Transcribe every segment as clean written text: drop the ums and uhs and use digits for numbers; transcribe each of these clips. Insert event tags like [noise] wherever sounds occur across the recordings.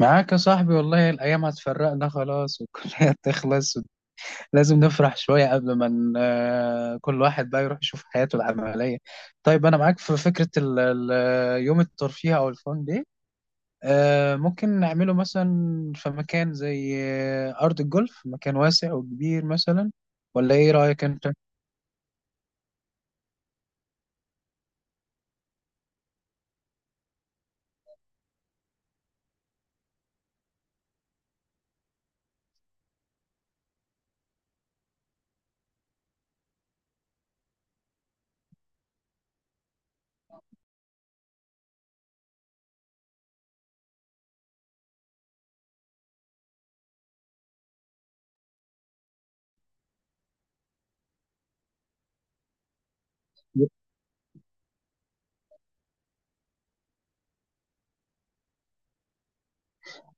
معاك يا صاحبي، والله الأيام هتفرقنا خلاص والكلية [laughs] تخلص. لازم نفرح شوية قبل ما كل واحد بقى يروح يشوف حياته العملية. طيب أنا معاك في فكرة يوم الترفيه أو الفان دي. ممكن نعمله مثلا في مكان زي أرض الجولف، مكان واسع وكبير مثلا. ولا إيه رأيك أنت؟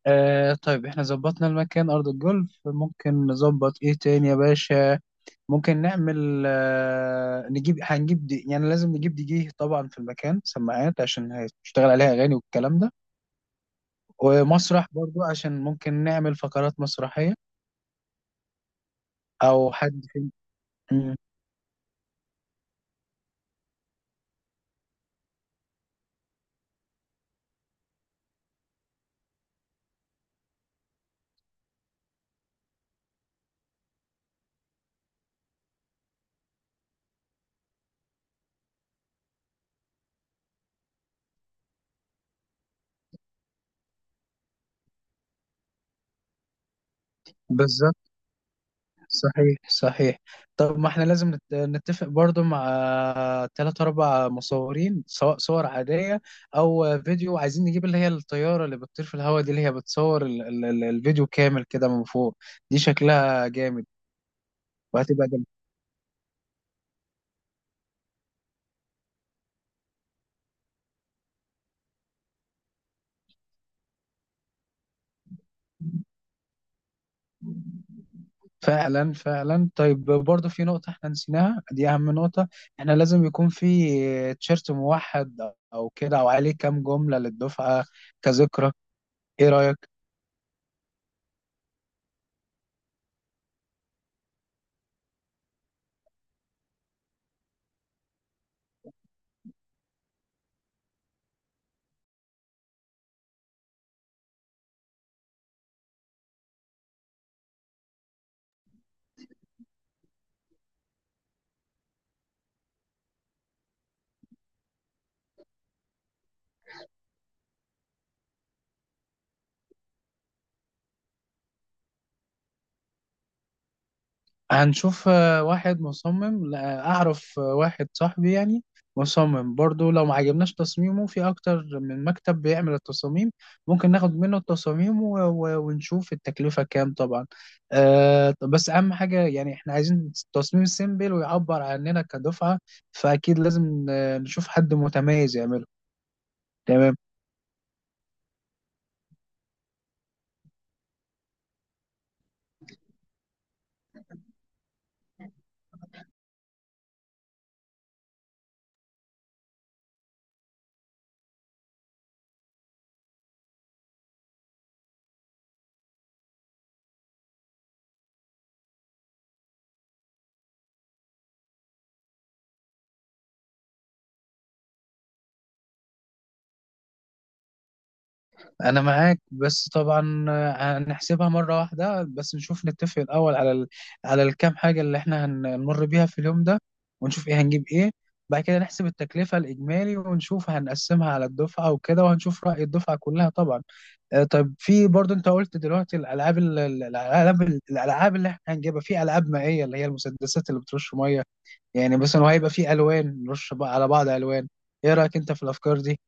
آه، طيب احنا ظبطنا المكان أرض الجولف، ممكن نظبط إيه تاني يا باشا؟ ممكن نعمل آه، نجيب هنجيب دي، يعني لازم نجيب دي جي طبعا، في المكان سماعات عشان هتشتغل عليها اغاني والكلام ده. ومسرح برضو عشان ممكن نعمل فقرات مسرحية. او حد. مم، بالظبط. صحيح صحيح. طب ما احنا لازم نتفق برضو مع ثلاث اربع مصورين، سواء صور عادية او فيديو. عايزين نجيب اللي هي الطيارة اللي بتطير في الهواء دي، اللي هي بتصور الفيديو كامل كده من فوق. دي شكلها جامد. وهتبقى فعلا فعلا. طيب برضه في نقطة احنا نسيناها، دي أهم نقطة. احنا لازم يكون في تيشيرت موحد أو كده، أو عليه كام جملة للدفعة كذكرى. إيه رأيك؟ هنشوف واحد مصمم، لا، أعرف واحد صاحبي يعني مصمم برضو، لو ما عجبناش تصميمه في أكتر من مكتب بيعمل التصاميم. ممكن ناخد منه التصاميم و ونشوف التكلفة كام طبعا. أه، طب بس أهم حاجة يعني إحنا عايزين تصميم سيمبل ويعبر عننا كدفعة. فأكيد لازم نشوف حد متميز يعمله. تمام. انا معاك، بس طبعا هنحسبها مره واحده، بس نشوف نتفق الاول على على الكام حاجه اللي احنا هنمر بيها في اليوم ده، ونشوف ايه هنجيب ايه. بعد كده نحسب التكلفه الاجمالي ونشوف هنقسمها على الدفعه وكده، وهنشوف راي الدفعه كلها طبعا. آه، طيب في برضه انت قلت دلوقتي الالعاب، الالعاب اللي احنا هنجيبها، في العاب مائيه اللي هي المسدسات اللي بترش ميه يعني مثلا. وهيبقى في الوان نرش بقى على بعض الوان. ايه رايك انت في الافكار دي؟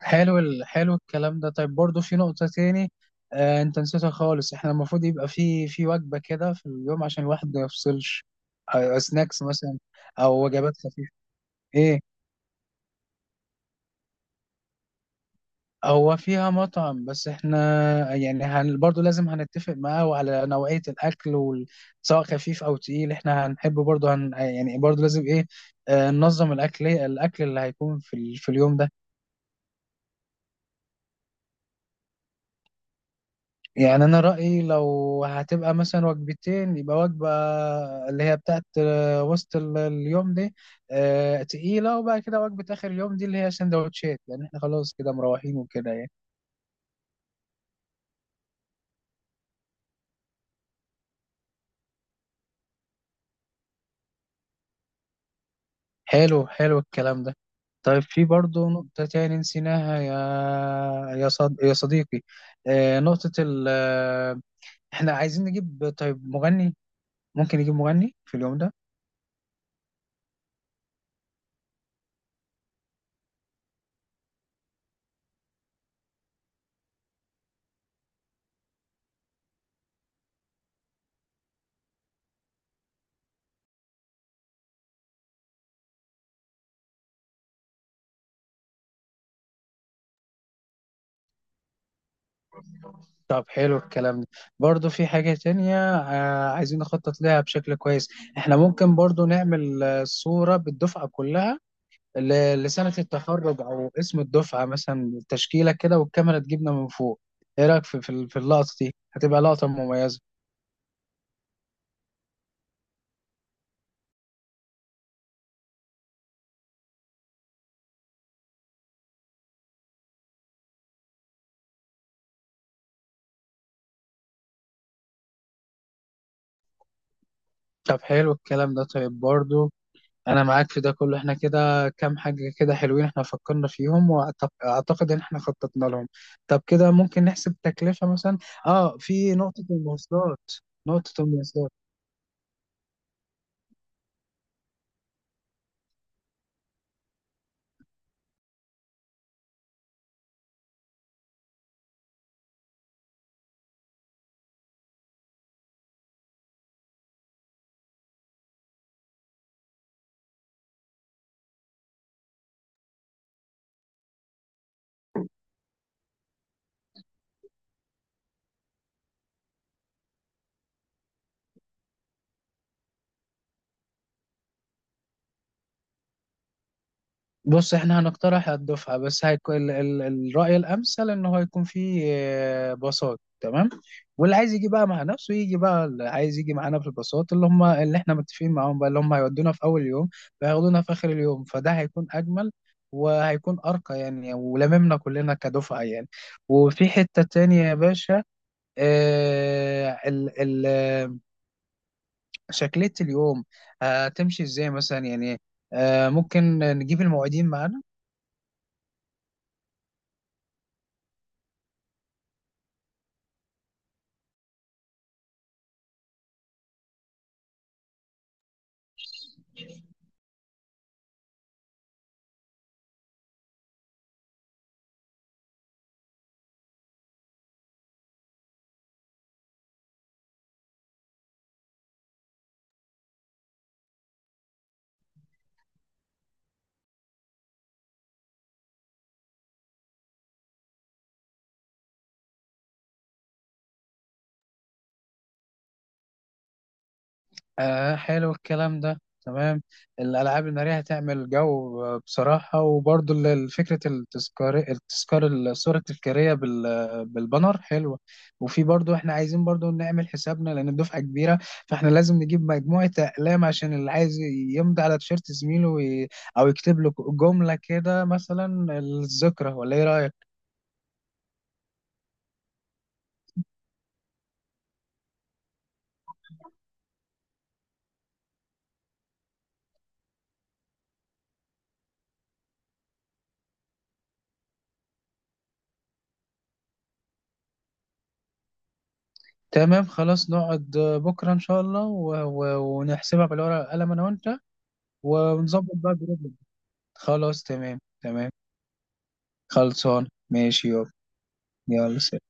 حلو الكلام ده. طيب برضه في نقطة تاني آه انت نسيتها خالص، احنا المفروض يبقى في وجبة كده في اليوم عشان الواحد ما يفصلش. سناكس مثلا او وجبات خفيفة. ايه، هو فيها مطعم، بس احنا يعني برضه لازم هنتفق معاه وعلى نوعية الاكل سواء خفيف او تقيل. احنا هنحب برضه يعني برضه لازم ايه، آه، ننظم الاكل، الاكل اللي هيكون في في اليوم ده. يعني انا رايي لو هتبقى مثلا وجبتين، يبقى وجبه اللي هي بتاعت وسط اليوم دي تقيله، وبعد كده وجبه اخر اليوم دي اللي هي سندوتشات، لان احنا خلاص كده مروحين وكده يعني. حلو حلو الكلام ده. طيب في برضه نقطة تاني نسيناها يا يا صديقي، نقطة ال آه، احنا عايزين نجيب طيب مغني، ممكن نجيب مغني في اليوم ده. طب حلو الكلام ده. برضو في حاجة تانية عايزين نخطط لها بشكل كويس. احنا ممكن برضو نعمل صورة بالدفعة كلها، لسنة التخرج أو اسم الدفعة مثلا، تشكيلة كده والكاميرا تجيبنا من فوق. ايه رأيك في اللقطة دي؟ هتبقى لقطة مميزة. طب حلو الكلام ده. طيب برضو انا معاك في ده كله، احنا كده كام حاجه كده حلوين احنا فكرنا فيهم واعتقد ان احنا خططنا لهم. طب كده ممكن نحسب تكلفه مثلا. اه، في نقطه المواصلات. نقطه المواصلات. بص احنا هنقترح على الدفعة، بس هيكون الرأي الأمثل إن هو يكون فيه باصات، تمام. واللي عايز يجي بقى مع نفسه يجي، بقى اللي عايز يجي معانا في الباصات اللي هم اللي احنا متفقين معاهم، بقى اللي هم هيودونا في أول يوم وياخدونا في آخر اليوم، فده هيكون أجمل وهيكون أرقى يعني، ولممنا كلنا كدفعة يعني. وفي حتة تانية يا باشا، اه، ال ال شكلية اليوم هتمشي ازاي مثلا يعني؟ ممكن نجيب المواعيدين معانا. آه حلو الكلام ده، تمام. الألعاب النارية هتعمل جو بصراحة. وبرضو فكرة التذكار، التذكار، الصورة التذكارية بالبانر، حلوة. وفي برضو احنا عايزين برضو نعمل حسابنا، لأن الدفعة كبيرة، فاحنا لازم نجيب مجموعة أقلام عشان اللي عايز يمضي على تيشيرت زميله أو يكتب له جملة كده، مثلا الذكرى، ولا إيه رأيك؟ تمام خلاص، نقعد بكرة إن شاء الله و ونحسبها بالورقة والقلم أنا وأنت. ونظبط بقى جروب. خلاص تمام تمام. خلصان ماشي يابا. يلا سلام.